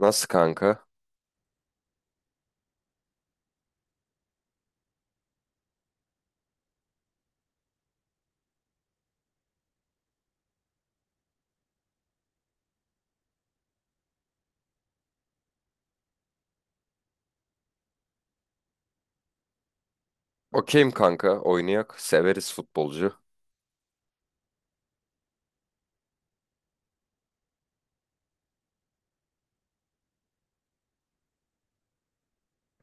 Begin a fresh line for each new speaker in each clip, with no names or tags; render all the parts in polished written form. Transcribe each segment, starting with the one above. Nasıl kanka? Okeyim kanka. Oynayak. Severiz futbolcu.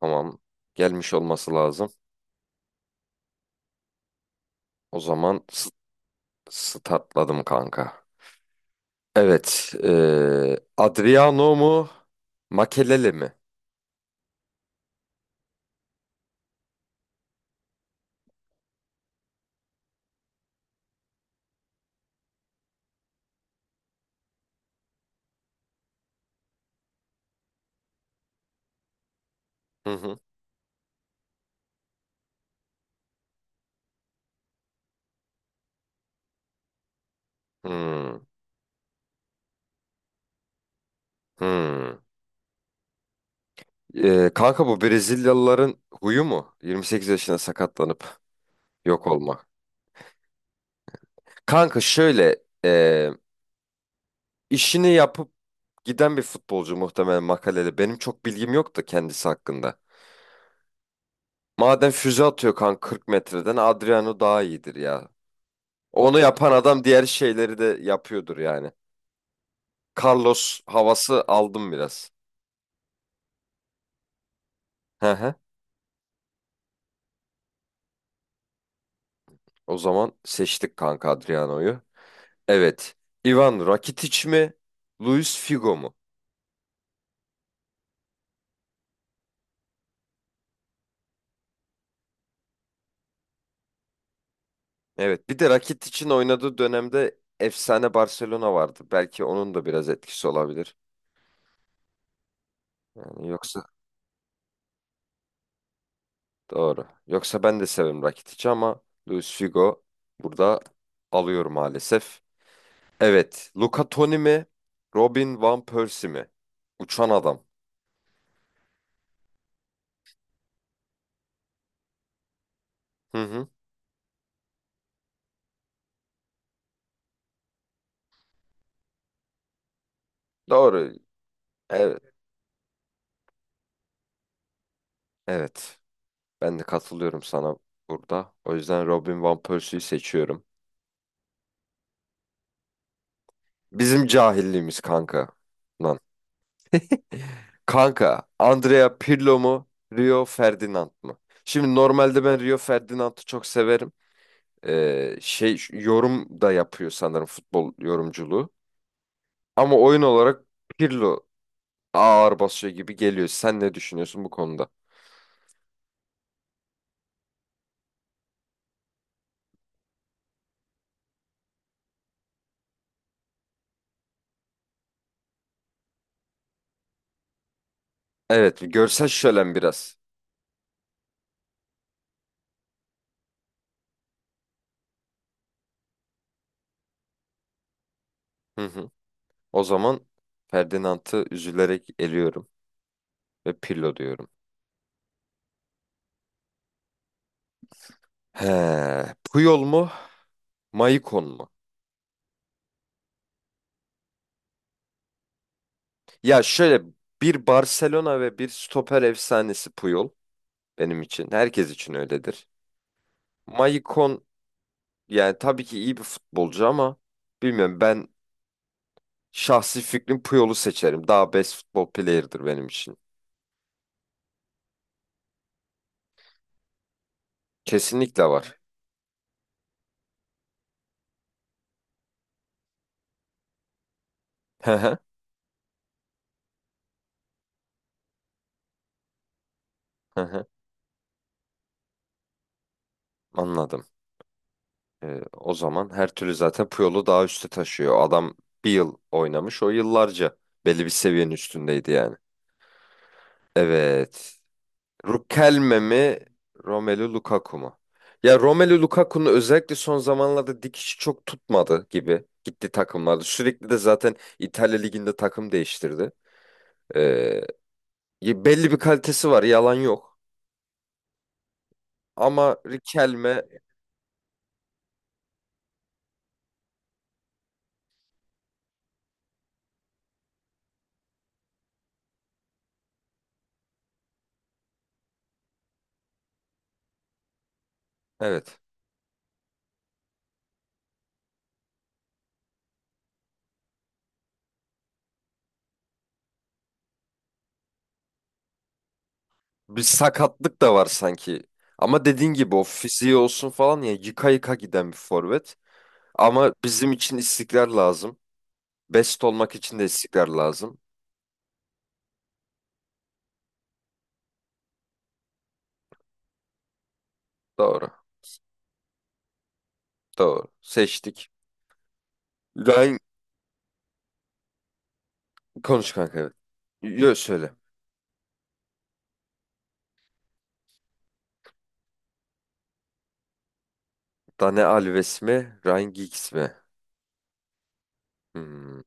Tamam. Gelmiş olması lazım. O zaman statladım kanka. Evet. Adriano mu? Makelele mi? Hı hı. Hmm, hmm. Kanka bu Brezilyalıların huyu mu? 28 yaşında sakatlanıp yok olmak. Kanka şöyle işini yapıp giden bir futbolcu muhtemelen Makelele. Benim çok bilgim yok da kendisi hakkında. Madem füze atıyor kan 40 metreden Adriano daha iyidir ya. Onu yapan adam diğer şeyleri de yapıyordur yani. Carlos havası aldım biraz. Hı hı. O zaman seçtik kanka Adriano'yu. Evet. Ivan Rakitic mi? Luis Figo mu? Evet. Bir de Rakitic'in oynadığı dönemde efsane Barcelona vardı. Belki onun da biraz etkisi olabilir. Yani yoksa doğru. Yoksa ben de severim Rakitic'i ama Luis Figo burada alıyor maalesef. Evet. Luca Toni mi? Robin Van Persie mi? Uçan adam. Hı hı. Doğru. Evet. Evet. Ben de katılıyorum sana burada. O yüzden Robin Van Persie'yi seçiyorum. Bizim cahilliğimiz kanka. Lan. Kanka, Andrea Pirlo mu? Rio Ferdinand mı? Şimdi normalde ben Rio Ferdinand'ı çok severim. Şey şu- yorum da yapıyor sanırım futbol yorumculuğu. Ama oyun olarak Pirlo ağır basıyor gibi geliyor. Sen ne düşünüyorsun bu konuda? Evet, görsel şölen biraz. Hı hı. O zaman Ferdinand'ı üzülerek eliyorum ve Pirlo diyorum. He, Puyol mu, Maicon mu? Ya şöyle bir Barcelona ve bir stoper efsanesi Puyol benim için. Herkes için öyledir. Maicon yani tabii ki iyi bir futbolcu ama bilmiyorum ben şahsi fikrim Puyol'u seçerim. Daha best futbol player'dır benim için. Kesinlikle var. Hı hı, hı hı. Anladım. E, o zaman her türlü zaten Puyol'u daha üste taşıyor. Adam bir yıl oynamış. O yıllarca belli bir seviyenin üstündeydi yani. Evet. Riquelme mi? Romelu Lukaku mu? Ya Romelu Lukaku'nun özellikle son zamanlarda dikişi çok tutmadı gibi. Gitti takımlarda. Sürekli de zaten İtalya Ligi'nde takım değiştirdi. Ee, ya belli bir kalitesi var. Yalan yok. Ama Riquelme evet. Bir sakatlık da var sanki. Ama dediğin gibi o fiziği olsun falan ya yıka yıka giden bir forvet. Ama bizim için istikrar lazım. Best olmak için de istikrar lazım. Doğru. Doğru. Seçtik. Ryan konuş kanka evet. Yo söyle. Dani Alves mi? Ryan Giggs mi? Hmm.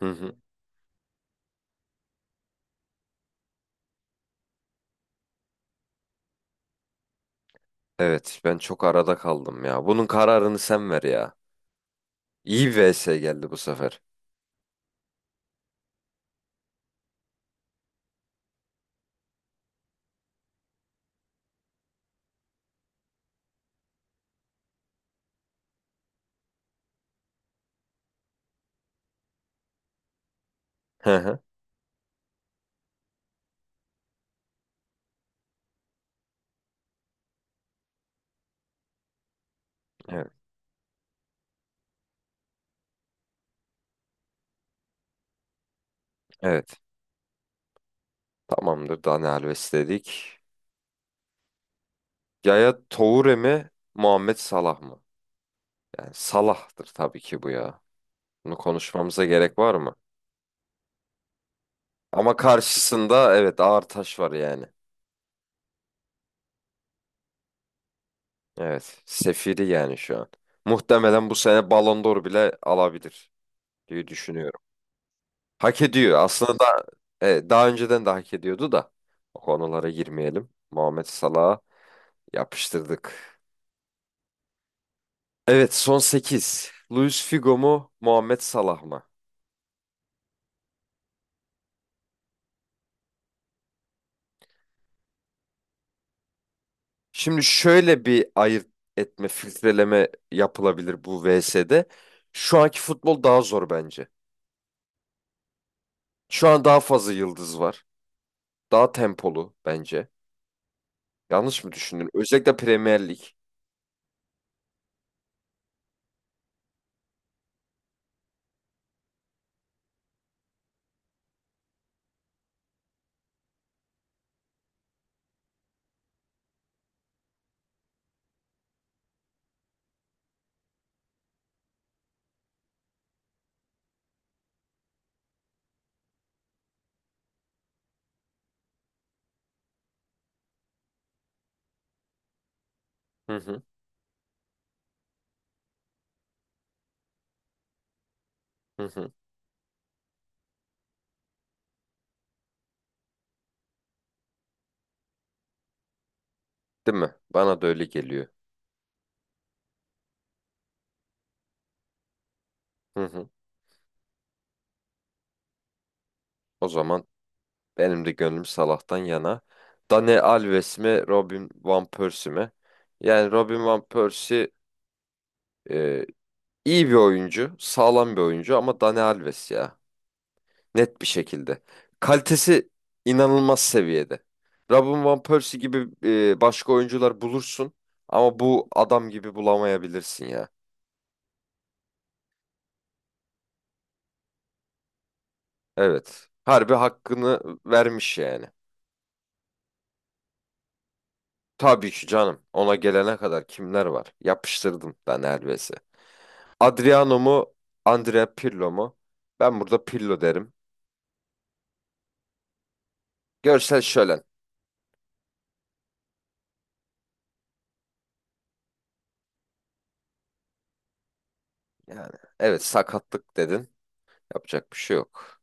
Hı hı. Evet ben çok arada kaldım ya. Bunun kararını sen ver ya. İyi bir vs geldi bu sefer. Hı hı. Evet. Evet. Tamamdır Dani Alves dedik. Yaya Toure mi, Muhammed Salah mı? Yani Salah'tır tabii ki bu ya. Bunu konuşmamıza gerek var mı? Ama karşısında evet ağır taş var yani. Evet, sefiri yani şu an. Muhtemelen bu sene Ballon d'Or bile alabilir diye düşünüyorum. Hak ediyor. Aslında da, daha önceden de hak ediyordu da. O konulara girmeyelim. Muhammed Salah'a yapıştırdık. Evet, son 8. Luis Figo mu, Muhammed Salah mı? Şimdi şöyle bir ayırt etme, filtreleme yapılabilir bu VS'de. Şu anki futbol daha zor bence. Şu an daha fazla yıldız var. Daha tempolu bence. Yanlış mı düşündün? Özellikle Premier Lig. Hı hı, hı hı. Değil mi? Bana da öyle geliyor. Hı hı. O zaman benim de gönlüm Salah'tan yana. Dani Alves mi, Robin Van Persie mi? Yani Robin Van Persie e, iyi bir oyuncu, sağlam bir oyuncu ama Dani Alves ya. Net bir şekilde. Kalitesi inanılmaz seviyede. Robin Van Persie gibi başka oyuncular bulursun ama bu adam gibi bulamayabilirsin ya. Evet. Harbi hakkını vermiş yani. Tabii ki canım. Ona gelene kadar kimler var? Yapıştırdım ben Elves'i. Adriano mu? Andrea Pirlo mu? Ben burada Pirlo derim. Görsel şölen. Yani evet sakatlık dedin. Yapacak bir şey yok.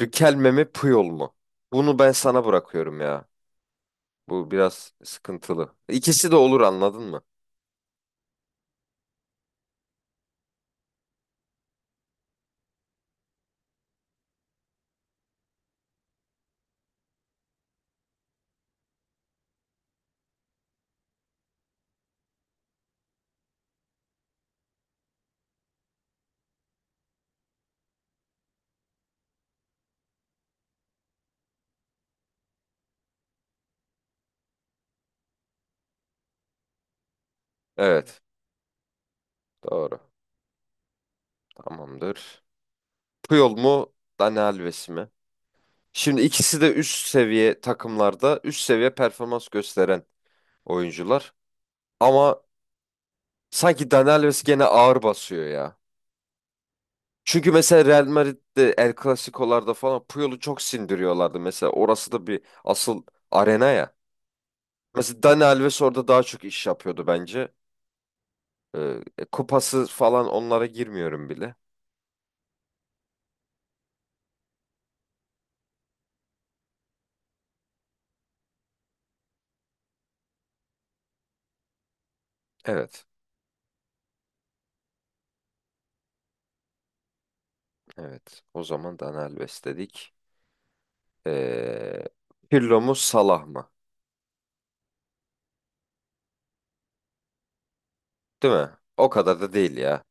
Riquelme mi Puyol mu? Bunu ben sana bırakıyorum ya. Bu biraz sıkıntılı. İkisi de olur anladın mı? Evet. Doğru. Tamamdır. Puyol mu? Dani Alves mi? Şimdi ikisi de üst seviye takımlarda üst seviye performans gösteren oyuncular. Ama sanki Dani Alves gene ağır basıyor ya. Çünkü mesela Real Madrid'de El Clasico'larda falan Puyol'u çok sindiriyorlardı. Mesela orası da bir asıl arena ya. Mesela Dani Alves orada daha çok iş yapıyordu bence. Ee, kupası falan onlara girmiyorum bile. Evet. Evet. O zaman Daniel besledik. Ee, Pirlo mu Salah mı? Değil mi? O kadar da değil ya.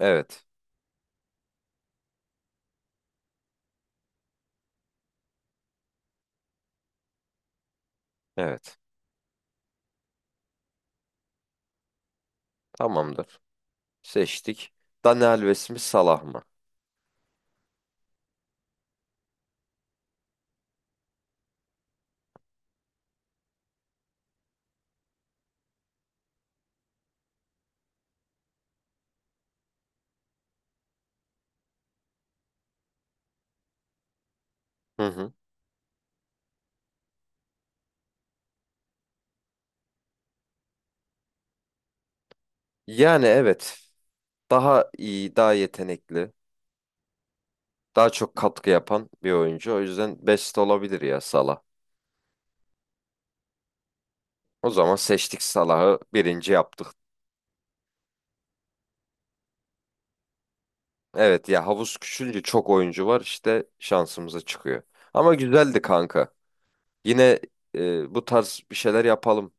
Evet. Evet. Tamamdır. Seçtik. Dani Alves mi Salah mı? Hı hı. Yani evet. Daha iyi, daha yetenekli, daha çok katkı yapan bir oyuncu. O yüzden best olabilir ya Salah. O zaman seçtik Salah'ı birinci yaptık. Evet ya havuz küçülünce çok oyuncu var işte şansımıza çıkıyor. Ama güzeldi kanka. Yine bu tarz bir şeyler yapalım.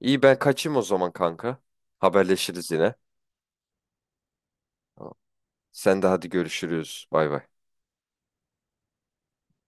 İyi ben kaçayım o zaman kanka. Haberleşiriz yine. Sen de hadi görüşürüz. Bay bay.